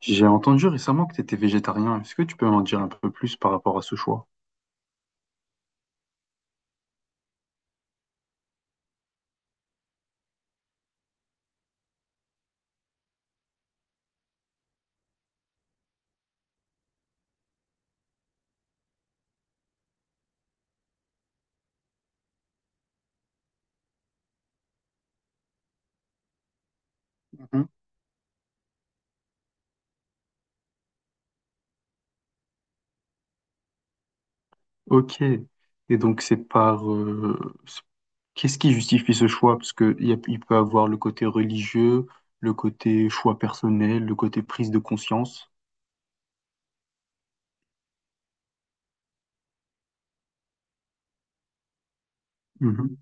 J'ai entendu récemment que tu étais végétarien. Est-ce que tu peux m'en dire un peu plus par rapport à ce choix? Mhm. Ok. C'est- Qu'est-ce qui justifie ce choix? Parce que il peut avoir le côté religieux, le côté choix personnel, le côté prise de conscience. Mhm.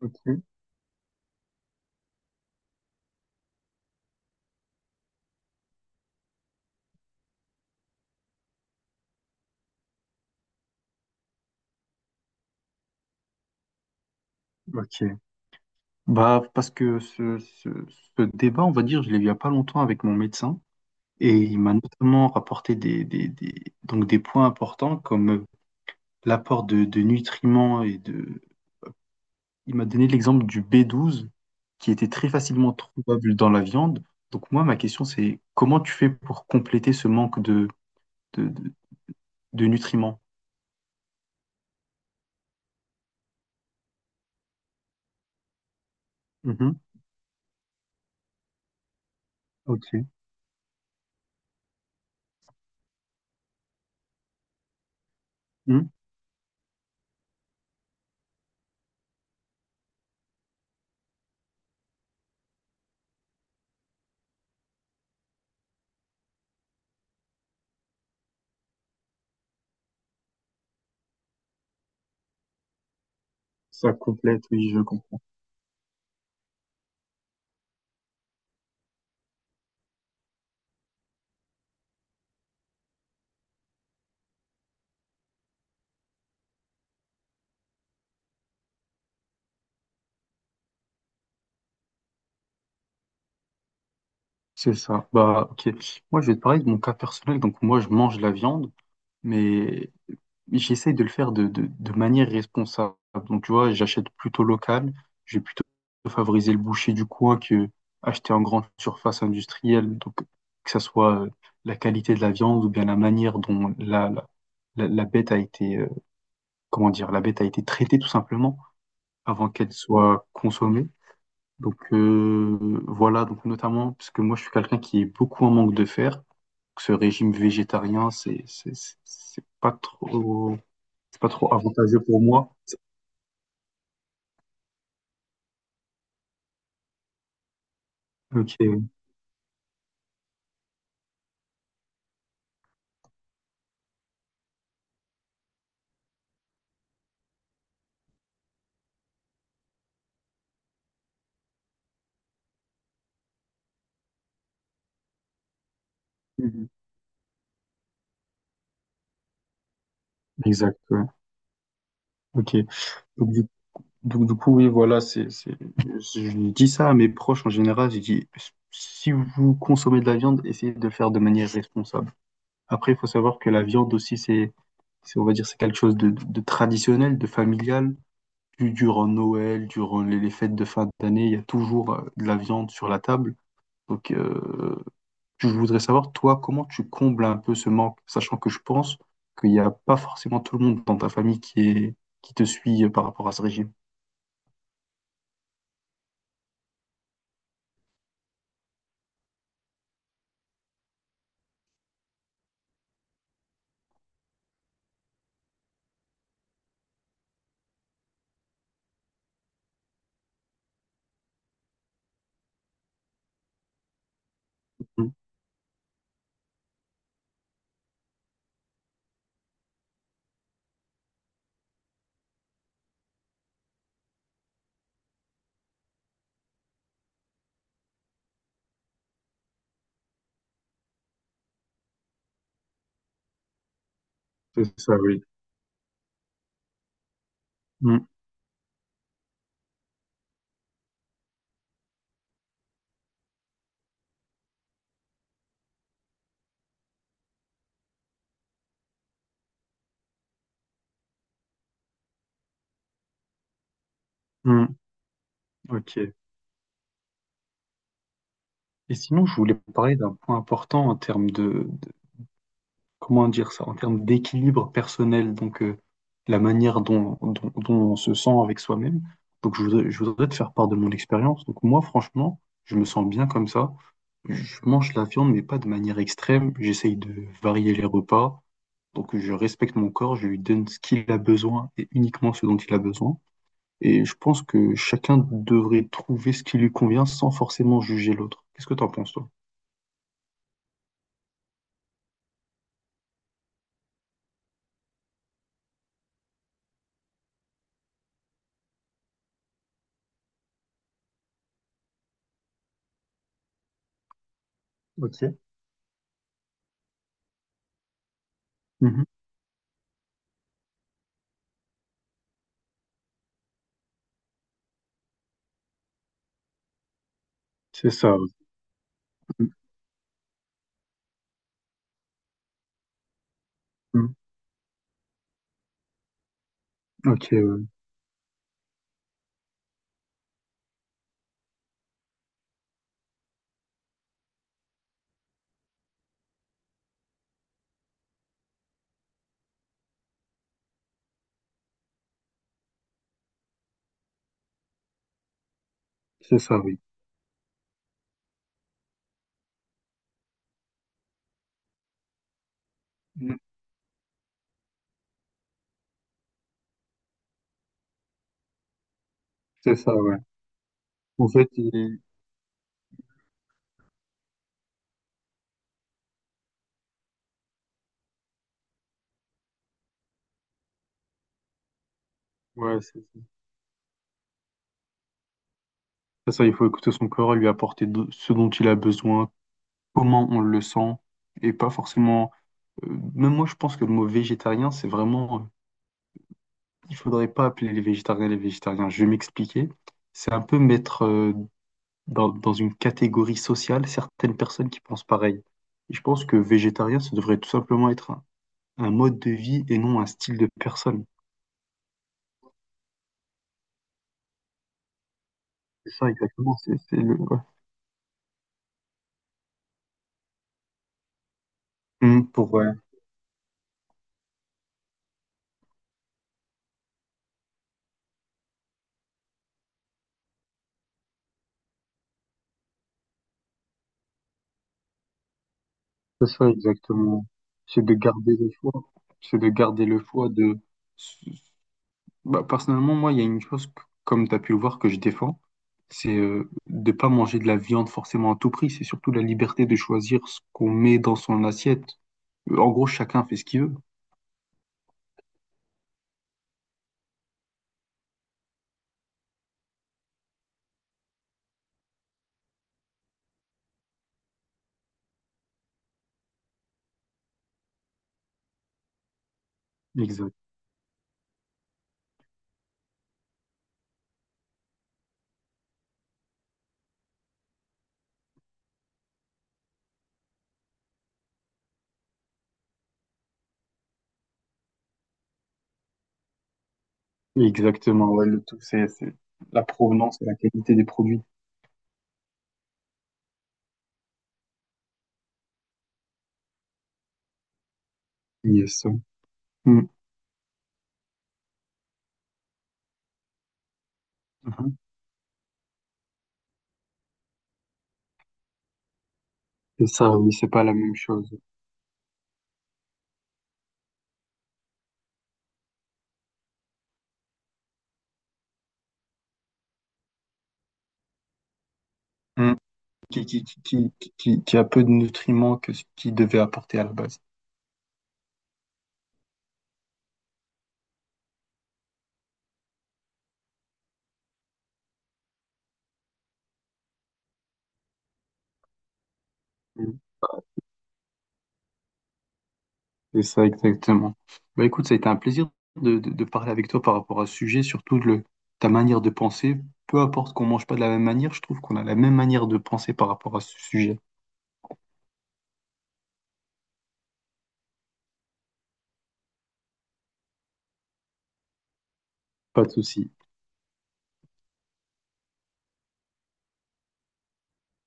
Ok, ok. Bah, parce que ce débat, on va dire, je l'ai eu il y a pas longtemps avec mon médecin, et il m'a notamment rapporté donc des points importants comme l'apport de nutriments et de, il m'a donné l'exemple du B12 qui était très facilement trouvable dans la viande. Donc moi, ma question, c'est comment tu fais pour compléter ce manque de, de- de nutriments? Mhm. Ok. Mhm. Ça complète, oui, je comprends. C'est ça. Bah, ok. Moi, je vais te parler de mon cas personnel. Donc moi, je mange la viande, mais j'essaye de le faire de manière responsable. Donc, tu vois, j'achète plutôt local. Je vais plutôt favoriser le boucher du coin que acheter en grande surface industrielle. Donc, que ça soit la qualité de la viande, ou bien la manière dont la bête a été, comment dire, la bête a été traitée tout simplement avant qu'elle soit consommée. Voilà, donc notamment, parce que moi, je suis quelqu'un qui est beaucoup en manque de fer. Ce régime végétarien, c'est pas trop. C'est pas trop avantageux pour moi. Ok, oui. Mhm. Exact. Ouais. Ok. Donc du, du coup, oui, voilà, je dis ça à mes proches en général. J'ai dit, si vous consommez de la viande, essayez de le faire de manière responsable. Après, il faut savoir que la viande aussi, on va dire, c'est quelque chose de traditionnel, de familial. Durant Noël, durant les fêtes de fin d'année, il y a toujours de la viande sur la table. Donc, euh, Je voudrais savoir, toi, comment tu combles un peu ce manque, sachant que je pense qu'il n'y a pas forcément tout le monde dans ta famille qui est, qui te suit par rapport à ce régime. Mm. C'est ça, oui. Mm, mm, ok. Et sinon, je voulais parler d'un point important en termes de, comment dire ça, en termes d'équilibre personnel, la manière dont, dont on se sent avec soi-même. Donc je voudrais te faire part de mon expérience. Donc moi, franchement, je me sens bien comme ça. Je mange la viande, mais pas de manière extrême. J'essaye de varier les repas. Donc je respecte mon corps, je lui donne ce qu'il a besoin et uniquement ce dont il a besoin. Et je pense que chacun devrait trouver ce qui lui convient sans forcément juger l'autre. Qu'est-ce que t'en penses, toi? Ok. Mhm. C'est ça. Ouais. Mhm. Ok. C'est ça, oui. Mm. C'est ça, ouais. En fait, il... ouais, c'est ça. Il faut écouter son corps, lui apporter ce dont il a besoin, comment on le sent, et pas forcément. euh, Même moi, je pense que le mot végétarien, c'est vraiment. Il faudrait pas appeler les végétariens les végétariens. Je vais m'expliquer. C'est un peu mettre dans, dans une catégorie sociale certaines personnes qui pensent pareil. Et je pense que végétarien, ça devrait tout simplement être un mode de vie et non un style de personne. C'est ça, exactement. C'est le. Ouais. Mm, Pour, C'est ça exactement. C'est de garder le choix. C'est de garder le choix de... Bah, personnellement, moi, il y a une chose, comme tu as pu le voir, que je défends, c'est de pas manger de la viande forcément à tout prix. C'est surtout la liberté de choisir ce qu'on met dans son assiette. En gros, chacun fait ce qu'il veut. Exact. Exactement, ouais, le tout, c'est la provenance et la qualité des produits qui sont. Mm. Mhm. C'est ça, oui, c'est pas la même chose. Mm. Qui a peu de nutriments que ce qu'il devait apporter à la base. Mm. C'est ça, exactement. Bah, écoute, ça a été un plaisir de parler avec toi par rapport à ce sujet, surtout ta manière de penser. Peu importe qu'on mange pas de la même manière, je trouve qu'on a la même manière de penser par rapport à ce sujet. Pas de souci.